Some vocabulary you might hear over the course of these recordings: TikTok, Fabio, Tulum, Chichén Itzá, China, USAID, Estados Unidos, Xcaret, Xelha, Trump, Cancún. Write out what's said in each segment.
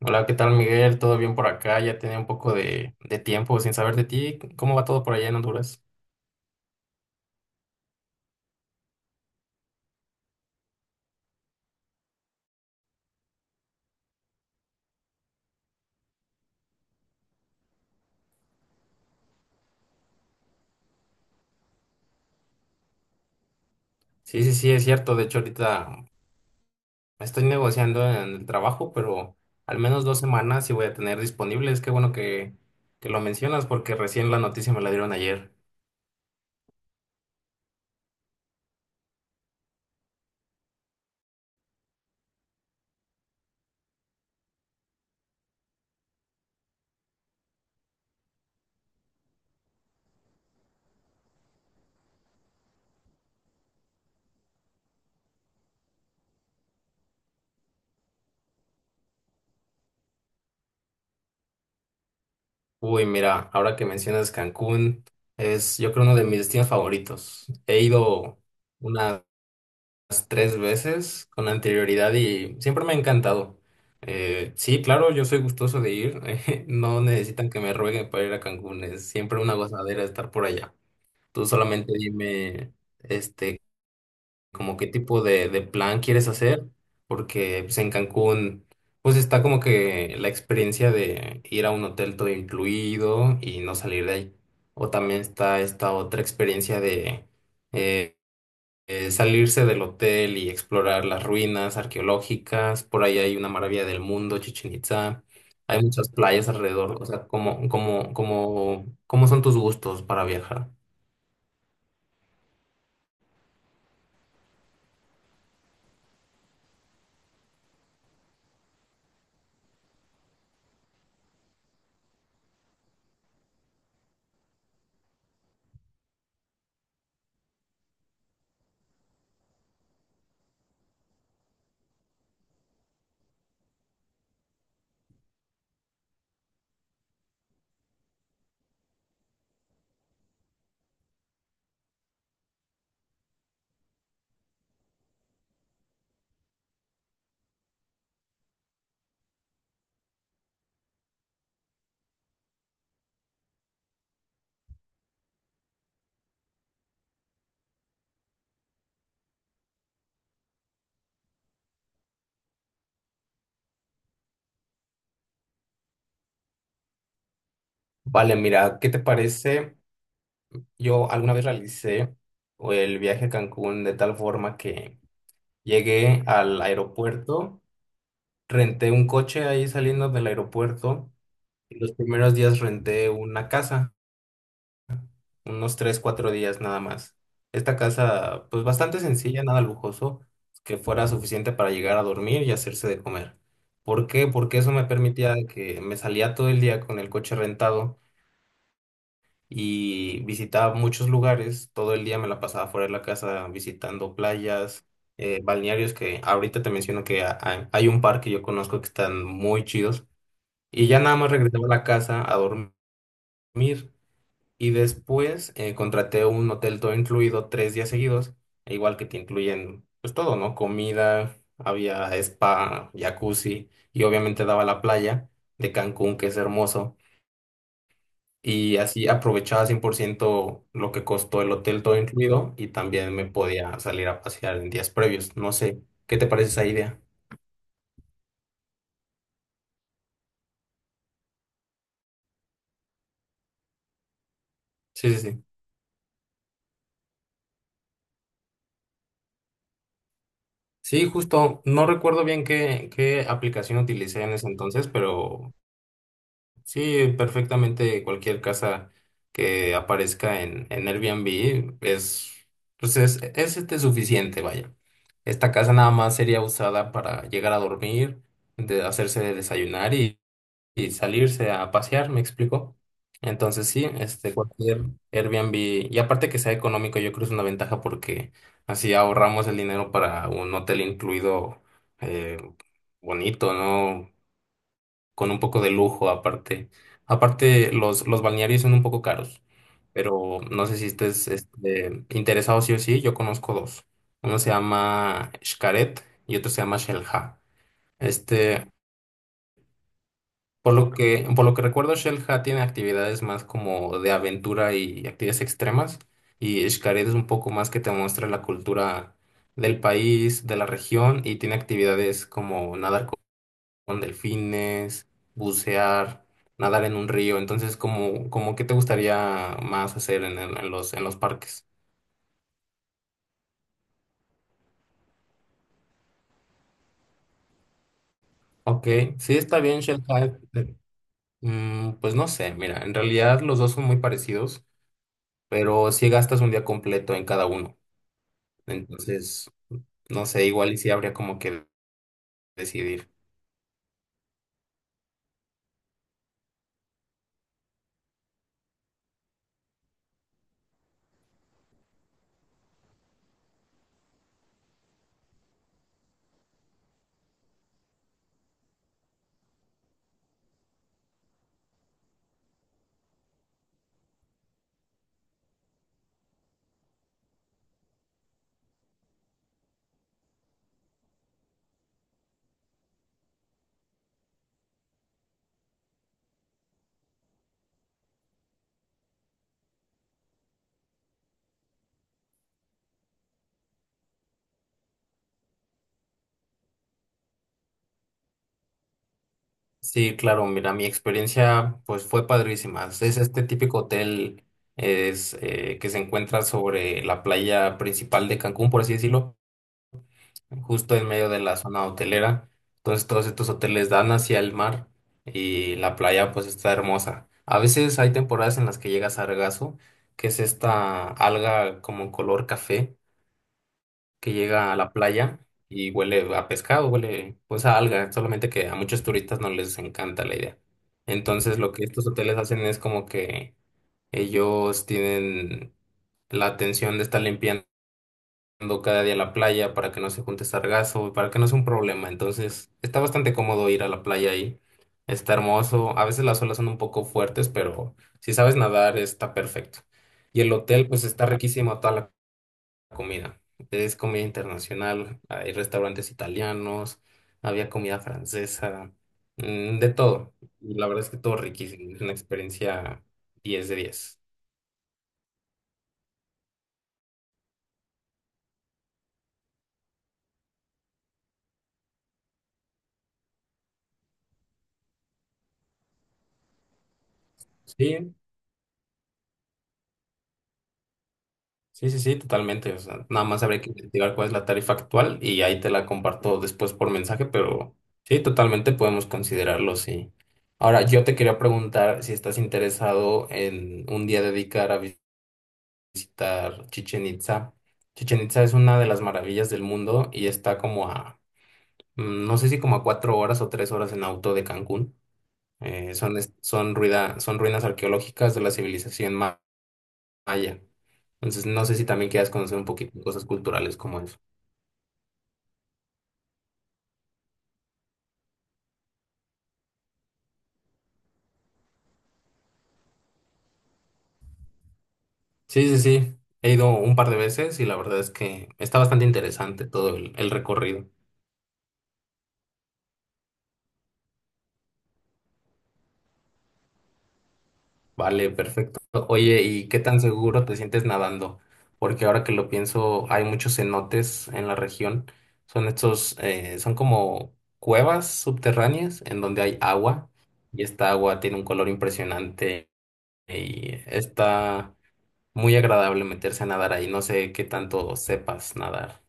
Hola, ¿qué tal, Miguel? ¿Todo bien por acá? Ya tenía un poco de tiempo sin saber de ti. ¿Cómo va todo por allá en Honduras? Sí, sí, sí, es cierto. De hecho, ahorita estoy negociando en el trabajo, pero al menos 2 semanas sí voy a tener disponibles. Qué bueno que lo mencionas porque recién la noticia me la dieron ayer. Uy, mira, ahora que mencionas Cancún, es yo creo uno de mis destinos favoritos. He ido unas 3 veces con anterioridad y siempre me ha encantado. Sí, claro, yo soy gustoso de ir. No necesitan que me rueguen para ir a Cancún. Es siempre una gozadera estar por allá. Tú solamente dime, este, como qué tipo de plan quieres hacer, porque pues, en Cancún, pues está como que la experiencia de ir a un hotel todo incluido y no salir de ahí. O también está esta otra experiencia de... eh, salirse del hotel y explorar las ruinas arqueológicas. Por ahí hay una maravilla del mundo, Chichén Itzá. Hay muchas playas alrededor. O sea, ¿cómo son tus gustos para viajar? Vale, mira, ¿qué te parece? Yo alguna vez realicé el viaje a Cancún de tal forma que llegué al aeropuerto, renté un coche ahí saliendo del aeropuerto y los primeros días renté una casa, unos 3 4 días nada más. Esta casa, pues bastante sencilla, nada lujoso, que fuera suficiente para llegar a dormir y hacerse de comer. ¿Por qué? Porque eso me permitía de que me salía todo el día con el coche rentado y visitaba muchos lugares. Todo el día me la pasaba fuera de la casa visitando playas, balnearios que ahorita te menciono que hay un par que yo conozco que están muy chidos. Y ya nada más regresaba a la casa a dormir. Y después contraté un hotel todo incluido 3 días seguidos, e igual que te incluyen pues todo, ¿no? Comida, había spa, jacuzzi y obviamente daba la playa de Cancún, que es hermoso. Y así aprovechaba 100% lo que costó el hotel todo incluido y también me podía salir a pasear en días previos. No sé, ¿qué te parece esa idea? Sí, sí, sí. Sí, justo, no recuerdo bien qué aplicación utilicé en ese entonces, pero sí, perfectamente cualquier casa que aparezca en Airbnb es, pues es este suficiente, vaya. Esta casa nada más sería usada para llegar a dormir, de hacerse de desayunar y salirse a pasear, ¿me explico? Entonces sí, este cualquier Airbnb, y aparte que sea económico, yo creo que es una ventaja porque así ahorramos el dinero para un hotel incluido eh, bonito, ¿no? Con un poco de lujo aparte. Aparte, los balnearios son un poco caros, pero no sé si estés este, interesado sí o sí, yo conozco dos. Uno se llama Xcaret y otro se llama Xelha. Este, por lo que recuerdo, Xelha tiene actividades más como de aventura y actividades extremas, y Xcaret es un poco más que te muestra la cultura del país, de la región, y tiene actividades como nadar con delfines, bucear, nadar en un río. Entonces, como qué te gustaría más hacer en, en los parques? Ok, sí está bien, Shell Hive. Pues no sé, mira, en realidad los dos son muy parecidos, pero si gastas un día completo en cada uno. Entonces, no sé, igual y sí habría como que decidir. Sí, claro, mira, mi experiencia pues fue padrísima. Es este típico hotel es, que se encuentra sobre la playa principal de Cancún, por así decirlo, justo en medio de la zona hotelera. Entonces todos estos hoteles dan hacia el mar y la playa pues está hermosa. A veces hay temporadas en las que llega sargazo, que es esta alga como color café que llega a la playa y huele a pescado, huele pues a alga, solamente que a muchos turistas no les encanta la idea. Entonces lo que estos hoteles hacen es como que ellos tienen la atención de estar limpiando yendo cada día a la playa para que no se junte sargazo, para que no sea un problema. Entonces, está bastante cómodo ir a la playa ahí. Está hermoso. A veces las olas son un poco fuertes, pero si sabes nadar, está perfecto. Y el hotel, pues está riquísimo toda la comida. Es comida internacional, hay restaurantes italianos, había comida francesa, de todo. Y la verdad es que todo riquísimo. Es una experiencia 10 de diez. Sí, sí, sí, sí, totalmente. O sea, nada más habría que investigar cuál es la tarifa actual y ahí te la comparto después por mensaje, pero sí, totalmente podemos considerarlo, sí. Ahora, yo te quería preguntar si estás interesado en un día dedicar a visitar Chichen Itza. Chichen Itza es una de las maravillas del mundo y está como a, no sé si como a 4 horas o 3 horas en auto de Cancún. Son, es- son, ruida- Son ruinas arqueológicas de la civilización maya allá. Entonces, no sé si también quieras conocer un poquito de cosas culturales como eso. Sí, sí, sí. He ido un par de veces y la verdad es que está bastante interesante todo el recorrido. Vale, perfecto. Oye, ¿y qué tan seguro te sientes nadando? Porque ahora que lo pienso, hay muchos cenotes en la región. Son estos, son como cuevas subterráneas en donde hay agua y esta agua tiene un color impresionante y está muy agradable meterse a nadar ahí, no sé qué tanto sepas nadar.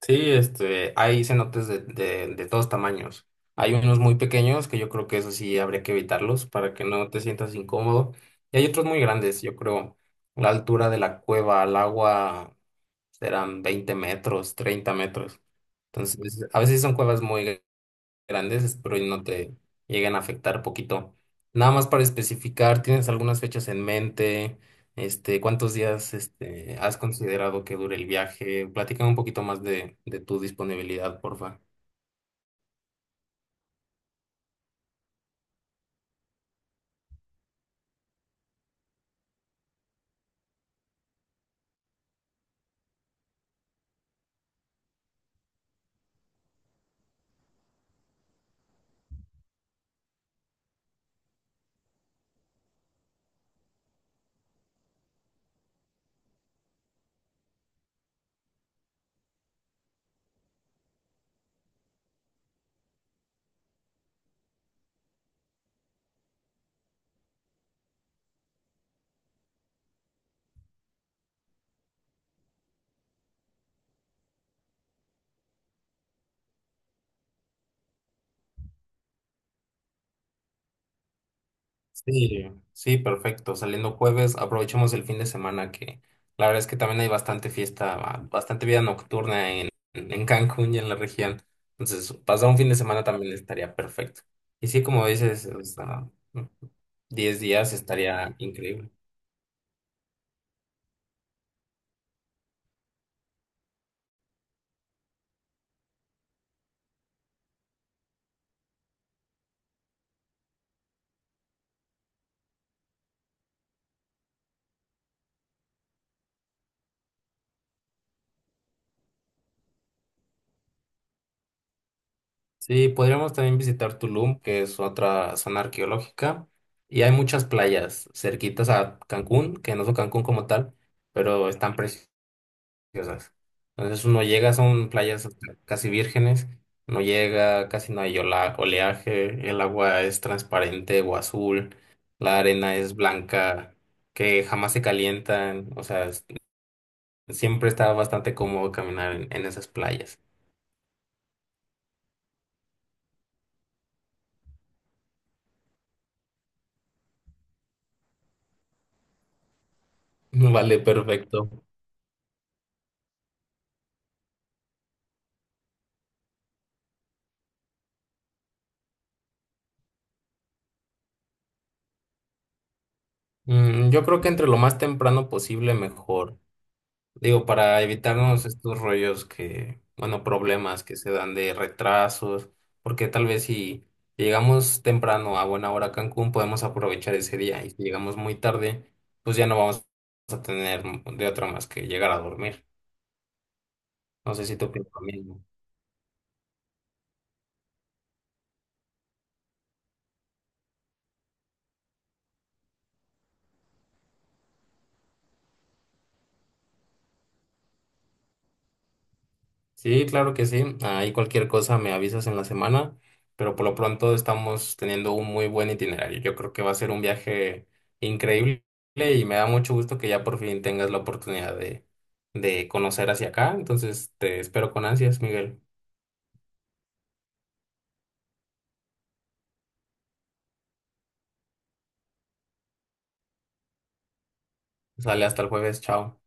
Sí, este, hay cenotes de todos tamaños. Hay unos muy pequeños que yo creo que eso sí habría que evitarlos para que no te sientas incómodo. Y hay otros muy grandes, yo creo. La altura de la cueva al agua serán 20 metros, 30 metros. Entonces, a veces son cuevas muy grandes, espero y no te lleguen a afectar poquito. Nada más para especificar, ¿tienes algunas fechas en mente? Este, ¿cuántos días, este, has considerado que dure el viaje? Platícame un poquito más de tu disponibilidad, porfa. Sí, sí, perfecto. Saliendo jueves, aprovechemos el fin de semana que la verdad es que también hay bastante fiesta, bastante vida nocturna en Cancún y en la región. Entonces, pasar un fin de semana también estaría perfecto. Y sí, como dices, o sea, 10 días estaría increíble. Sí, podríamos también visitar Tulum, que es otra zona arqueológica, y hay muchas playas cerquitas a Cancún, que no son Cancún como tal, pero están preciosas. Preciosas. Entonces uno llega, son playas casi vírgenes, no llega, casi no hay oleaje, el agua es transparente o azul, la arena es blanca, que jamás se calientan, o sea, es- siempre está bastante cómodo caminar en esas playas. Vale, perfecto. Yo creo que entre lo más temprano posible mejor. Digo, para evitarnos estos rollos que, bueno, problemas que se dan de retrasos, porque tal vez si llegamos temprano a buena hora a Cancún, podemos aprovechar ese día y si llegamos muy tarde, pues ya no vamos a tener de otra más que llegar a dormir. No sé si tú opinas lo mismo. Sí, claro que sí. Ahí cualquier cosa me avisas en la semana, pero por lo pronto estamos teniendo un muy buen itinerario. Yo creo que va a ser un viaje increíble y me da mucho gusto que ya por fin tengas la oportunidad de conocer hacia acá. Entonces te espero con ansias, Miguel. Sale hasta el jueves, chao.